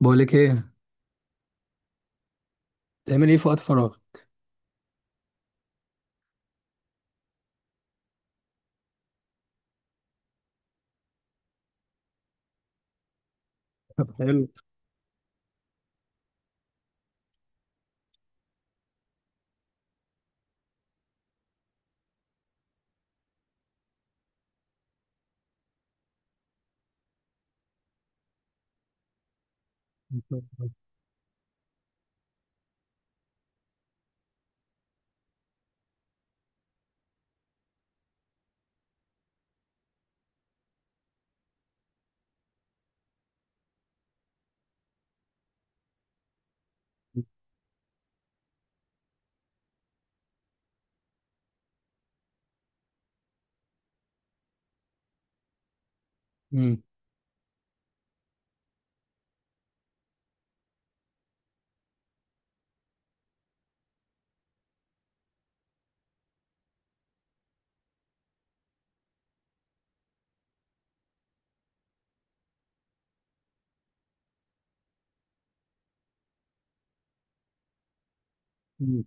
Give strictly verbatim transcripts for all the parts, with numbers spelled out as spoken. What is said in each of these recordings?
بقولك ايه؟ تعمل ايه في وقت فراغ؟ حلو. امم. أمم.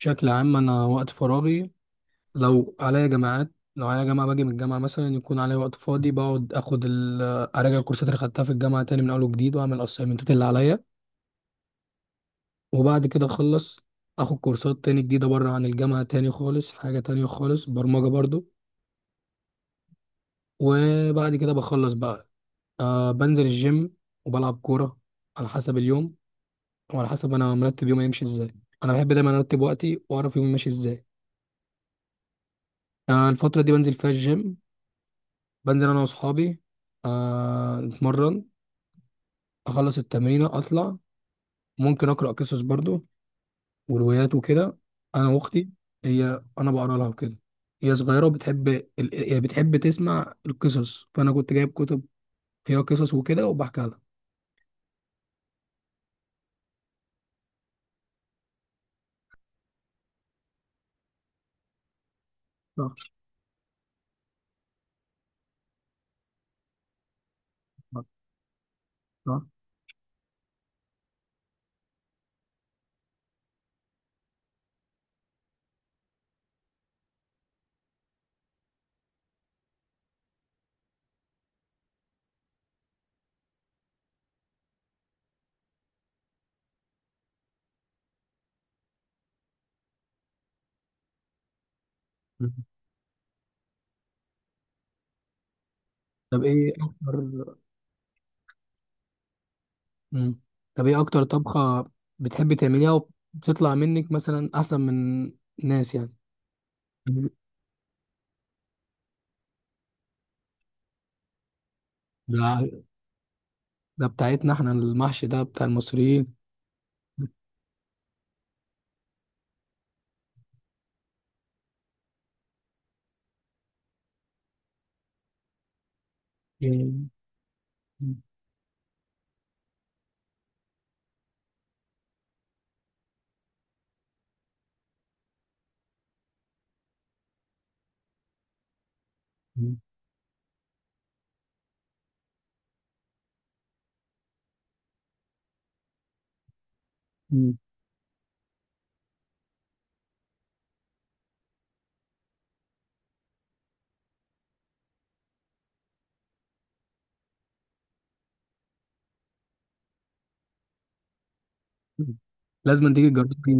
بشكل عام انا وقت فراغي، لو عليا جامعات لو عليا جامعه باجي من الجامعه، مثلا يكون عليا وقت فاضي، بقعد اخد ال- اراجع الكورسات اللي خدتها في الجامعه تاني من اول وجديد، واعمل الاسايمنتات اللي عليا. وبعد كده اخلص، اخد كورسات تاني جديده بره عن الجامعه، تاني خالص حاجه تانية خالص، برمجه برضو. وبعد كده بخلص بقى. أه بنزل الجيم وبلعب كوره، على حسب اليوم وعلى حسب انا مرتب يومي يمشي ازاي. انا بحب دايما ارتب وقتي واعرف يومي ماشي ازاي. آه الفتره دي بنزل فيها الجيم، بنزل انا واصحابي، آه نتمرن، اخلص التمرينه اطلع. ممكن اقرا قصص برضو وروايات وكده، انا واختي. هي، انا بقرا لها وكده. هي صغيره وبتحب ال... هي بتحب تسمع القصص، فانا كنت جايب كتب فيها قصص وكده وبحكي لها. صح، صح، صح. طب ايه اكتر. مم. طب ايه اكتر طبخة بتحبي تعمليها، وبتطلع منك مثلا احسن من الناس يعني؟ مم. ده ده بتاعتنا احنا، المحشي ده بتاع المصريين. مم. مم. مم. لازم تيجي تجربي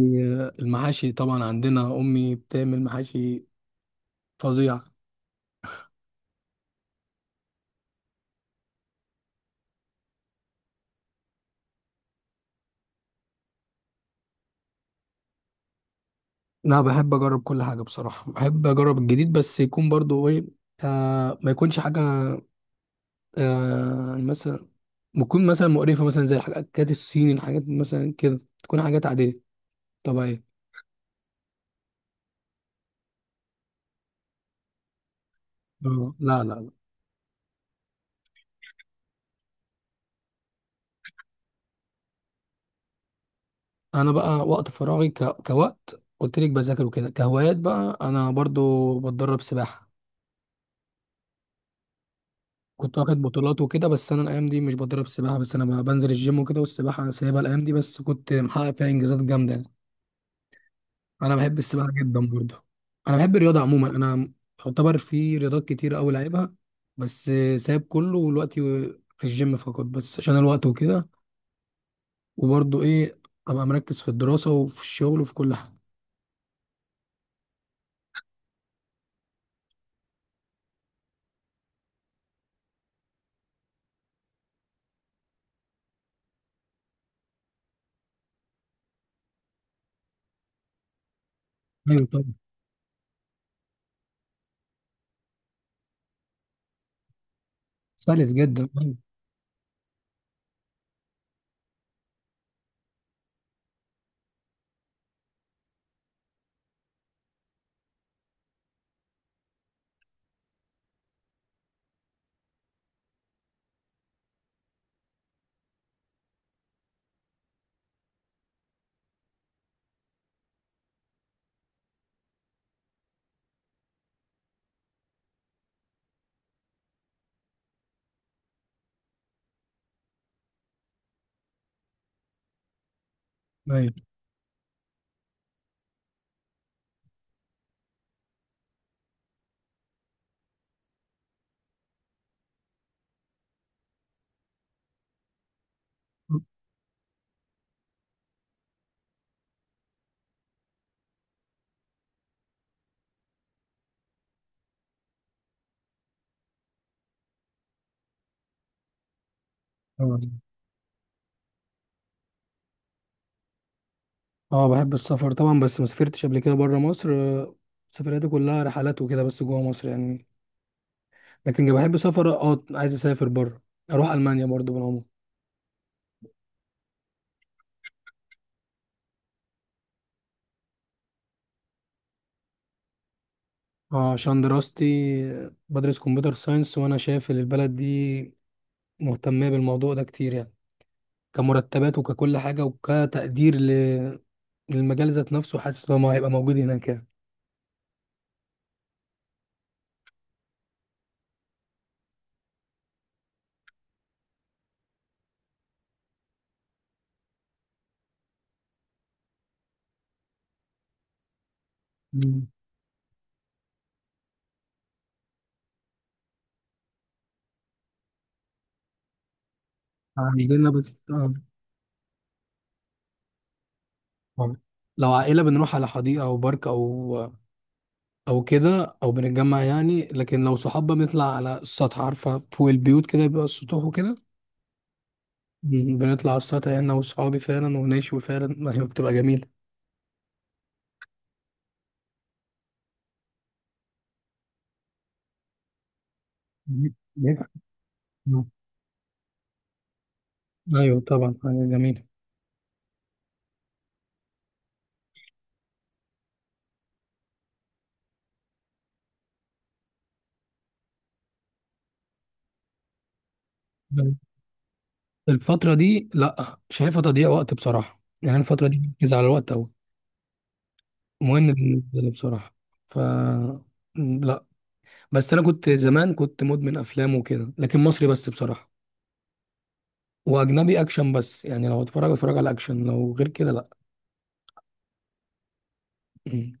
المحاشي طبعا، عندنا امي بتعمل محاشي فظيع. انا بحب اجرب كل حاجه بصراحه، بحب اجرب الجديد، بس يكون برضو ايه، آه ما يكونش حاجه، آه مثلا بتكون مثلا مقرفة، مثلا زي الحاجات الصيني، الحاجات مثلا كده تكون حاجات عادية طبيعية. اه، لا، لا، لا. أنا بقى وقت فراغي ك... كوقت قلت لك، بذاكر وكده. كهوايات بقى، أنا برضو بتدرب سباحة، كنت واخد بطولات وكده. بس أنا الأيام دي مش بتدرب سباحة، بس أنا بقى بنزل الجيم وكده. والسباحة أنا سايبها الأيام دي، بس كنت محقق فيها إنجازات جامدة يعني. أنا بحب السباحة جدا برضو. أنا بحب الرياضة عموما. أنا يعتبر في رياضات كتير أوي لعبها، بس سايب كله ودلوقتي في الجيم فقط، بس عشان الوقت وكده. وبرضه ايه، ابقى مركز في الدراسة وفي الشغل وفي كل حاجة. ايوه طبعا. سلس جدا ايوه. أيوة. آه. اه، بحب السفر طبعا، بس ما سافرتش قبل كده بره مصر. آه، سفرياتي كلها رحلات وكده بس جوه مصر يعني. لكن لو بحب سفر، اه، عايز اسافر بره، اروح المانيا برضو بالعموم. اه، عشان دراستي، آه، بدرس كمبيوتر ساينس، وانا شايف ان البلد دي مهتمه بالموضوع ده كتير يعني، كمرتبات وككل حاجه، وكتقدير ل- للمجال ذات نفسه. حاسس ان هو هيبقى موجود هناك يعني. عندنا بس آه. آه. لو عائلة بنروح على حديقة أو بارك أو أو كده، أو بنتجمع يعني. لكن لو صحاب بنطلع على السطح، عارفة؟ فوق البيوت كده بيبقى السطوح وكده. م- بنطلع على السطح يعني، أنا وصحابي فعلا، ونشوي فعلا ما هي بتبقى جميلة. بيبقى- أيوة طبعا، حاجة جميلة. مم. الفترة دي لأ، شايفها تضييع وقت بصراحة يعني. الفترة دي بركز على الوقت أوي، مهم بالنسبة لي بصراحة. ف لأ. بس انا كنت زمان كنت مدمن افلام وكده، لكن مصري بس بصراحه، واجنبي اكشن بس يعني. لو اتفرج اتفرج على اكشن، لو غير كده لا. مم.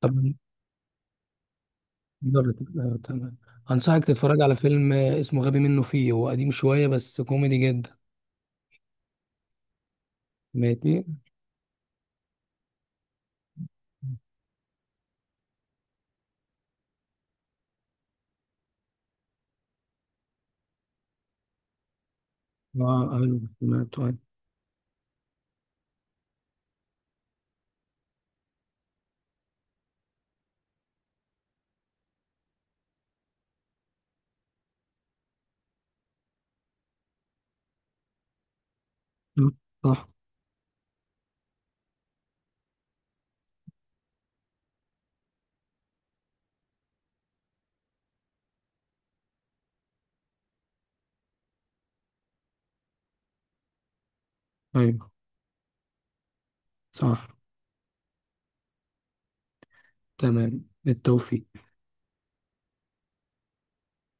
طب نقدر نت- آه، تمام. انصحك تتفرج على فيلم آه، اسمه غبي منه فيه، هو قديم شويه بس كوميدي جدا. ماشي. اه، ايوه، سمعته، ايوه. مم. صح. ايوه، صح. تمام، بالتوفيق.